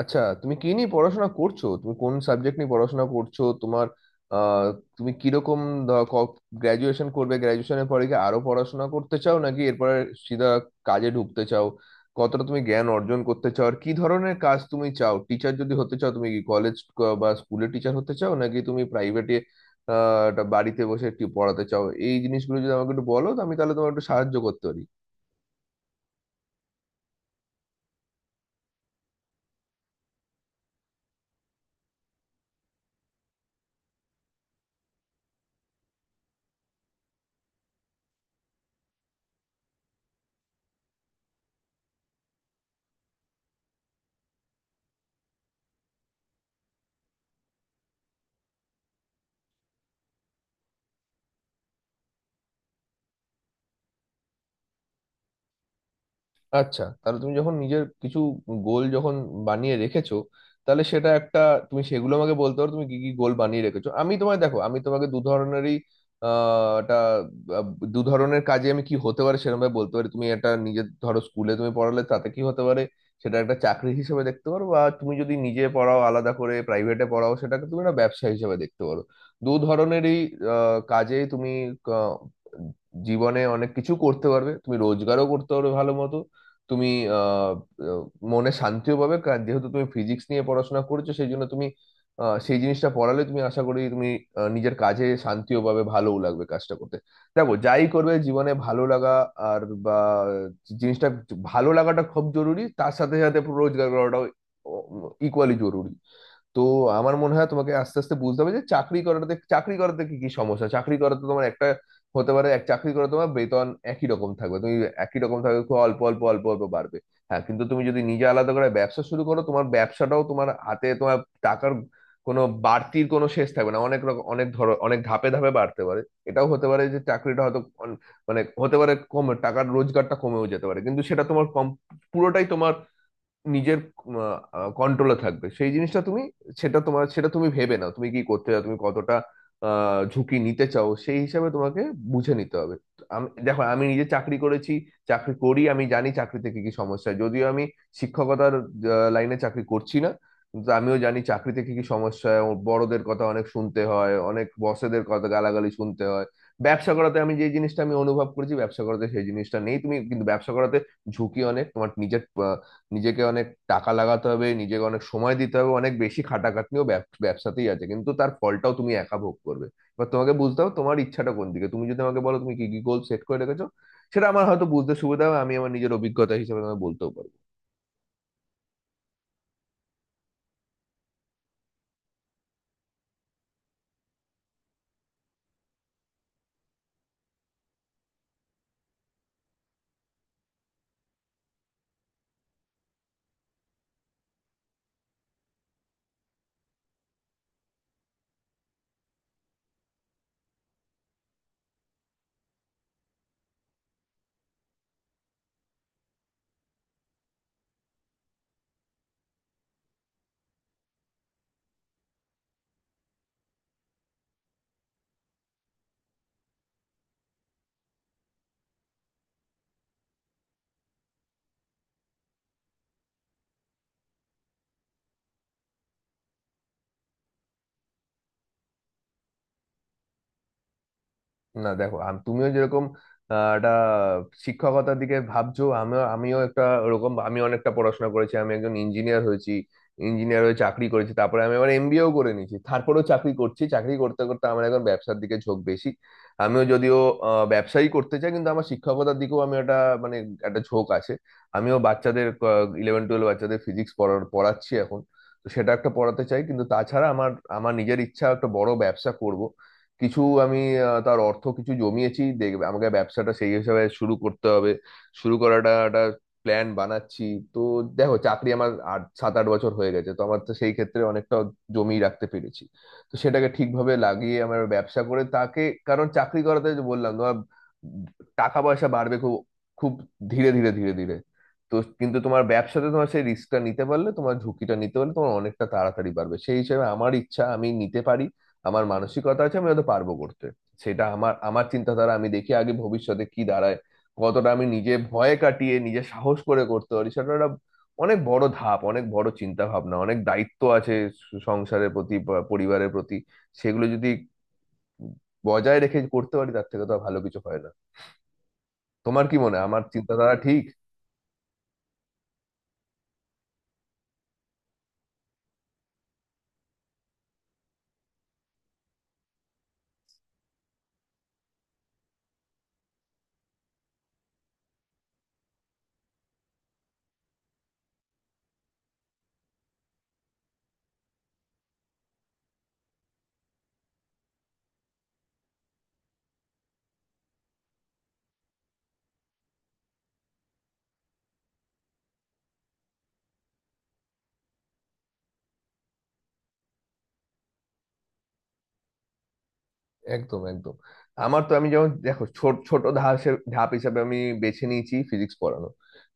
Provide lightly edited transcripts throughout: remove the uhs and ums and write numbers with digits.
আচ্ছা, তুমি কি নিয়ে পড়াশোনা করছো? তুমি কোন সাবজেক্ট নিয়ে পড়াশোনা করছো তোমার? আহ তুমি কিরকম গ্রাজুয়েশন করবে? গ্রাজুয়েশনের পরে কি আরো পড়াশোনা করতে চাও নাকি এরপরে সিধা কাজে ঢুকতে চাও? কতটা তুমি জ্ঞান অর্জন করতে চাও আর কি ধরনের কাজ তুমি চাও? টিচার যদি হতে চাও তুমি কি কলেজ বা স্কুলের টিচার হতে চাও নাকি তুমি প্রাইভেটে একটা বাড়িতে বসে একটু পড়াতে চাও? এই জিনিসগুলো যদি আমাকে একটু বলো, তো আমি তাহলে তোমাকে একটু সাহায্য করতে পারি। আচ্ছা, তাহলে তুমি যখন নিজের কিছু গোল যখন বানিয়ে রেখেছো তাহলে সেটা একটা, তুমি সেগুলো আমাকে বলতে পারো তুমি কি কি গোল বানিয়ে রেখেছো। আমি তোমায় দেখো, আমি তোমাকে দু ধরনেরই আহ একটা, আহ, দু ধরনের কাজে আমি কি হতে পারে সেরকম ভাবে বলতে পারি। তুমি একটা নিজের ধরো স্কুলে তুমি পড়ালে তাতে কি হতে পারে, সেটা একটা চাকরি হিসেবে দেখতে পারো, বা তুমি যদি নিজে পড়াও আলাদা করে, প্রাইভেটে পড়াও, সেটাকে তুমি একটা ব্যবসা হিসেবে দেখতে পারো। দু ধরনেরই কাজে তুমি আহ, জীবনে অনেক কিছু করতে পারবে, তুমি রোজগারও করতে পারবে ভালো মতো। তুমি আহ, আহ, মনে শান্তিও পাবে, কারণ যেহেতু তুমি ফিজিক্স নিয়ে পড়াশোনা করেছো সেই জন্য তুমি সেই জিনিসটা পড়ালে তুমি, আশা করি তুমি নিজের কাজে শান্তিও পাবে, ভালোও লাগবে কাজটা করতে। দেখো, যাই করবে জীবনে ভালো লাগা আর বা জিনিসটা, ভালো লাগাটা খুব জরুরি, তার সাথে সাথে রোজগার করাটাও ইকুয়ালি জরুরি। তো আমার মনে হয় তোমাকে আস্তে আস্তে বুঝতে হবে যে চাকরি করাতে, কি কি সমস্যা। চাকরি করাতে তোমার একটা, হতে পারে এক চাকরি করে তোমার বেতন একই রকম থাকবে, খুব অল্প অল্প অল্প অল্প বাড়বে। হ্যাঁ, কিন্তু তুমি যদি নিজে আলাদা করে ব্যবসা শুরু করো, তোমার ব্যবসাটাও তোমার হাতে, তোমার টাকার কোনো বাড়তির কোনো শেষ থাকবে না, অনেক রকম, অনেক ধর, অনেক ধাপে ধাপে বাড়তে পারে। এটাও হতে পারে যে চাকরিটা হয়তো মানে হতে পারে কমে, টাকার রোজগারটা কমেও যেতে পারে, কিন্তু সেটা তোমার কম, পুরোটাই তোমার নিজের কন্ট্রোলে থাকবে। সেই জিনিসটা তুমি, সেটা তোমার, সেটা তুমি ভেবে নাও তুমি কি করতে চাও, তুমি কতটা ঝুঁকি নিতে চাও সেই হিসাবে তোমাকে বুঝে নিতে হবে। আমি দেখো, আমি নিজে চাকরি করেছি, চাকরি করি, আমি জানি চাকরিতে কি কি সমস্যা। যদিও আমি শিক্ষকতার লাইনে চাকরি করছি না, কিন্তু আমিও জানি চাকরিতে কি কি সমস্যা। ও বড়দের কথা অনেক শুনতে হয়, অনেক বসেদের কথা, গালাগালি শুনতে হয়। ব্যবসা করাতে আমি যে জিনিসটা আমি অনুভব করেছি, ব্যবসা করাতে সেই জিনিসটা নেই, তুমি কিন্তু ব্যবসা করাতে ঝুঁকি অনেক তোমার নিজের নিজেকে অনেক টাকা লাগাতে হবে, নিজেকে অনেক সময় দিতে হবে, অনেক বেশি খাটাখাটনিও ব্যবসাতেই আছে, কিন্তু তার ফলটাও তুমি একা ভোগ করবে। এবার তোমাকে বুঝতে হবে তোমার ইচ্ছাটা কোন দিকে। তুমি যদি আমাকে বলো তুমি কি কি গোল সেট করে রেখেছো সেটা আমার হয়তো বুঝতে সুবিধা হবে, আমি আমার নিজের অভিজ্ঞতা হিসেবে তোমাকে বলতেও পারবো। না দেখো, তুমিও যেরকম একটা শিক্ষকতার দিকে ভাবছো, আমিও আমিও একটা ওরকম, আমি অনেকটা পড়াশোনা করেছি, আমি একজন ইঞ্জিনিয়ার হয়েছি। ইঞ্জিনিয়ার হয়ে চাকরি করেছি, তারপরে আমি আবার এমবিএও করে নিয়েছি, তারপরেও চাকরি করছি। চাকরি করতে করতে আমার এখন ব্যবসার দিকে ঝোঁক বেশি। আমিও যদিও ব্যবসায়ী করতে চাই, কিন্তু আমার শিক্ষকতার দিকেও আমি একটা, মানে একটা ঝোঁক আছে। আমিও বাচ্চাদের, 11-12 বাচ্চাদের ফিজিক্স পড়াচ্ছি এখন, তো সেটা একটা পড়াতে চাই। কিন্তু তাছাড়া আমার, আমার নিজের ইচ্ছা একটা বড় ব্যবসা করব। কিছু আমি তার অর্থ কিছু জমিয়েছি, দেখবে আমাকে ব্যবসাটা সেই হিসাবে শুরু করতে হবে। শুরু করাটা একটা প্ল্যান বানাচ্ছি। তো দেখো, চাকরি আমার 7-8 বছর হয়ে গেছে, তো আমার তো সেই ক্ষেত্রে অনেকটা জমি রাখতে পেরেছি। তো সেটাকে ঠিকভাবে লাগিয়ে আমার ব্যবসা করে তাকে, কারণ চাকরি করাতে যে বললাম তোমার টাকা পয়সা বাড়বে খুব খুব ধীরে ধীরে ধীরে ধীরে। তো কিন্তু তোমার ব্যবসাতে তোমার সেই রিস্কটা নিতে পারলে, তোমার ঝুঁকিটা নিতে পারলে, তোমার অনেকটা তাড়াতাড়ি বাড়বে। সেই হিসেবে আমার ইচ্ছা আমি নিতে পারি, আমার মানসিকতা আছে, আমি হয়তো পারবো করতে। সেটা আমার, আমার চিন্তাধারা, আমি দেখি আগে ভবিষ্যতে কি দাঁড়ায়, কতটা আমি নিজে ভয় কাটিয়ে নিজে সাহস করে করতে পারি। সেটা একটা অনেক বড় ধাপ, অনেক বড় চিন্তা ভাবনা, অনেক দায়িত্ব আছে সংসারের প্রতি বা পরিবারের প্রতি। সেগুলো যদি বজায় রেখে করতে পারি তার থেকে তো আর ভালো কিছু হয় না। তোমার কি মনে হয় আমার চিন্তাধারা ঠিক? একদম একদম। আমার তো, আমি যেমন দেখো ছোট ছোট ধাপের ধাপ হিসাবে আমি বেছে নিয়েছি ফিজিক্স পড়ানো।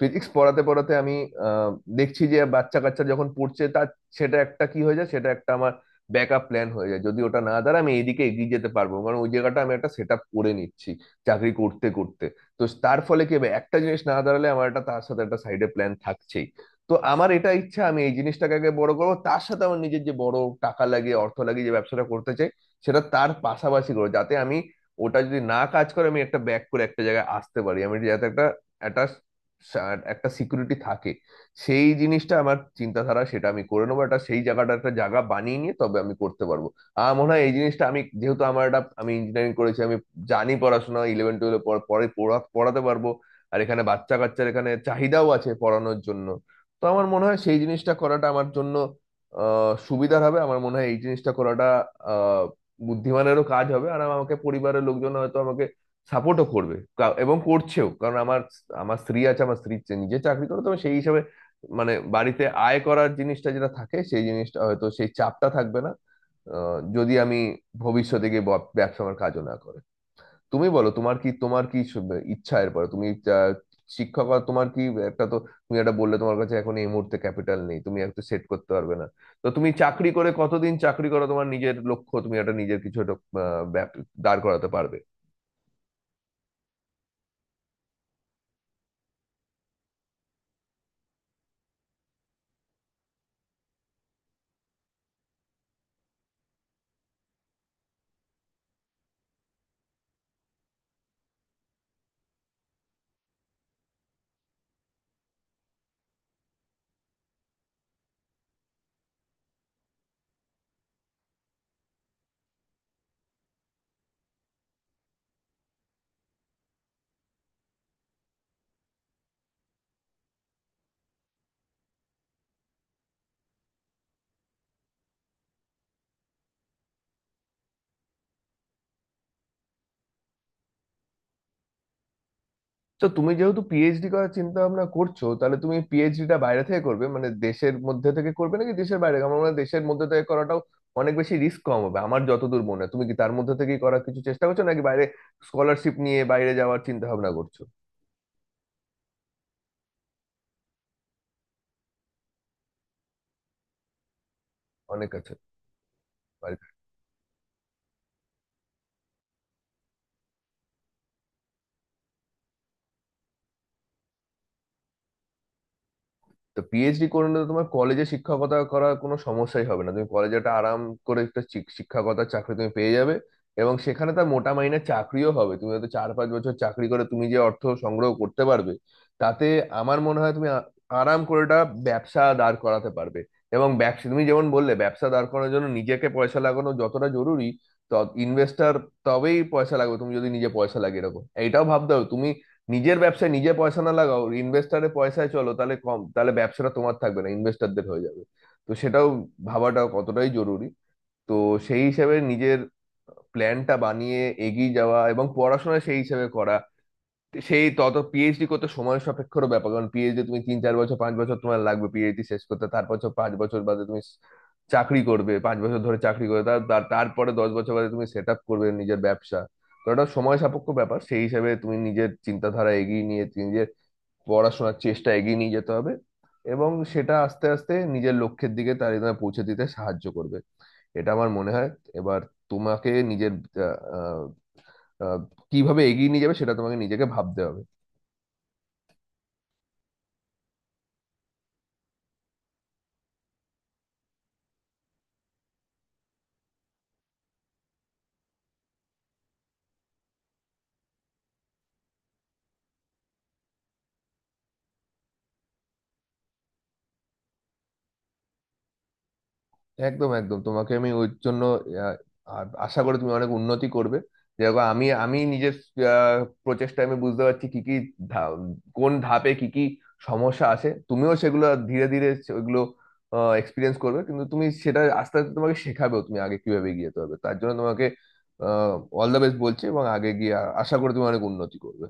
ফিজিক্স পড়াতে পড়াতে আমি আহ, দেখছি যে বাচ্চা কাচ্চা যখন পড়ছে তার, সেটা একটা কি হয়ে যায়, সেটা একটা আমার ব্যাকআপ প্ল্যান হয়ে যায়। যদি ওটা না দাঁড়ায় আমি এইদিকে এগিয়ে যেতে পারবো, কারণ ওই জায়গাটা আমি একটা সেট আপ করে নিচ্ছি চাকরি করতে করতে। তো তার ফলে কি হবে, একটা জিনিস না দাঁড়ালে আমার একটা তার সাথে একটা সাইডে প্ল্যান থাকছেই। তো আমার এটা ইচ্ছা আমি এই জিনিসটাকে আগে বড় করবো, তার সাথে আমার নিজের যে বড় টাকা লাগিয়ে অর্থ লাগিয়ে যে ব্যবসাটা করতে চাই সেটা তার পাশাপাশি করে, যাতে আমি ওটা যদি না কাজ করে আমি একটা ব্যাক করে একটা জায়গায় আসতে পারি, আমি যাতে একটা একটা একটা সিকিউরিটি থাকে। সেই জিনিসটা আমার চিন্তাধারা, সেটা আমি করে নেবো একটা, সেই জায়গাটা একটা জায়গা বানিয়ে নিয়ে তবে আমি করতে পারবো। আমার মনে হয় এই জিনিসটা, আমি যেহেতু আমার একটা, আমি ইঞ্জিনিয়ারিং করেছি, আমি জানি পড়াশোনা, 11-12 পরে পড়াতে পারবো। আর এখানে বাচ্চা কাচ্চার এখানে চাহিদাও আছে পড়ানোর জন্য। তো আমার মনে হয় সেই জিনিসটা করাটা আমার জন্য সুবিধার হবে। আমার মনে হয় এই জিনিসটা করাটা বুদ্ধিমানেরও কাজ হবে, আর আমাকে পরিবারের লোকজন হয়তো আমাকে সাপোর্টও করবে, এবং করছেও, কারণ আমার, আমার স্ত্রী আছে, আমার স্ত্রী নিজে চাকরি করে, তবে সেই হিসাবে মানে বাড়িতে আয় করার জিনিসটা যেটা থাকে সেই জিনিসটা, হয়তো সেই চাপটা থাকবে না যদি আমি ভবিষ্যতে গিয়ে ব্যবসা আমার কাজও না করে। তুমি বলো তোমার কি, তোমার কি ইচ্ছা এরপরে তুমি আহ, শিক্ষক, আর তোমার কি একটা তো, তুমি একটা বললে তোমার কাছে এখন এই মুহূর্তে ক্যাপিটাল নেই, তুমি একটা সেট করতে পারবে না। তো তুমি চাকরি করে কতদিন চাকরি করো তোমার নিজের লক্ষ্য, তুমি একটা নিজের কিছু একটা দাঁড় করাতে পারবে? তো তুমি যেহেতু পিএইচডি করার চিন্তা ভাবনা করছো তাহলে তুমি পিএইচডিটা বাইরে থেকে করবে মানে দেশের মধ্যে থেকে করবে নাকি দেশের বাইরে? আমার মনে হয় দেশের মধ্যে থেকে করাটাও অনেক বেশি রিস্ক কম হবে আমার যতদূর মনে হয়। তুমি কি তার মধ্যে থেকেই করার কিছু চেষ্টা করছো নাকি বাইরে স্কলারশিপ নিয়ে বাইরে যাওয়ার চিন্তা ভাবনা করছো? অনেক আছে বাড়িতে। তো পিএইচডি করে নিলে তোমার কলেজে শিক্ষকতা করার কোনো সমস্যাই হবে না, তুমি কলেজে একটা আরাম করে একটা শিক্ষকতার চাকরি তুমি পেয়ে যাবে, এবং সেখানে তার মোটা মাইনের চাকরিও হবে। তুমি হয়তো 4-5 বছর চাকরি করে তুমি যে অর্থ সংগ্রহ করতে পারবে তাতে আমার মনে হয় তুমি আরাম করে একটা ব্যবসা দাঁড় করাতে পারবে। এবং ব্যবসা তুমি যেমন বললে, ব্যবসা দাঁড় করানোর জন্য নিজেকে পয়সা লাগানো যতটা জরুরি তত ইনভেস্টার তবেই পয়সা লাগবে। তুমি যদি নিজে পয়সা লাগে এরকম এইটাও ভাবতে হবে, তুমি নিজের ব্যবসায় নিজে পয়সা না লাগাও ইনভেস্টারের পয়সায় চলো তাহলে কম, তাহলে ব্যবসাটা তোমার থাকবে না, ইনভেস্টারদের হয়ে যাবে। তো সেটাও ভাবাটাও কতটাই জরুরি। তো সেই হিসাবে নিজের প্ল্যানটা বানিয়ে এগিয়ে যাওয়া এবং পড়াশোনা সেই হিসাবে করা। সেই তত পিএইচডি করতে সময় সাপেক্ষর ব্যাপার, কারণ পিএইচডি তুমি 3-4 বছর 5 বছর তোমার লাগবে পিএইচডি শেষ করতে, তারপর হচ্ছে 5 বছর বাদে তুমি চাকরি করবে, 5 বছর ধরে চাকরি করবে, তার তার- তারপরে 10 বছর বাদে তুমি সেট আপ করবে নিজের ব্যবসা। তো এটা সময় সাপেক্ষ ব্যাপার, সেই হিসাবে তুমি নিজের চিন্তাধারা এগিয়ে নিয়ে, নিজের পড়াশোনার চেষ্টা এগিয়ে নিয়ে যেতে হবে, এবং সেটা আস্তে আস্তে নিজের লক্ষ্যের দিকে তার তোমায় পৌঁছে দিতে সাহায্য করবে। এটা আমার মনে হয়। এবার তোমাকে নিজের আহ, আহ, আহ, কিভাবে এগিয়ে নিয়ে যাবে সেটা তোমাকে নিজেকে ভাবতে হবে। একদম একদম। তোমাকে আমি ওই জন্য আহ, আশা করি তুমি অনেক উন্নতি করবে। যেরকম আমি, আমি নিজের আহ, প্রচেষ্টায় আমি বুঝতে পারছি কি কি ধা- কোন ধাপে কি কি সমস্যা আছে, তুমিও সেগুলো ধীরে ধীরে ওইগুলো এক্সপিরিয়েন্স করবে। কিন্তু তুমি সেটা আস্তে আস্তে তোমাকে শেখাবেও তুমি আগে কিভাবে এগিয়ে যেতে হবে, তার জন্য তোমাকে অল দ্য বেস্ট বলছি, এবং আগে গিয়ে আশা করি তুমি অনেক উন্নতি করবে।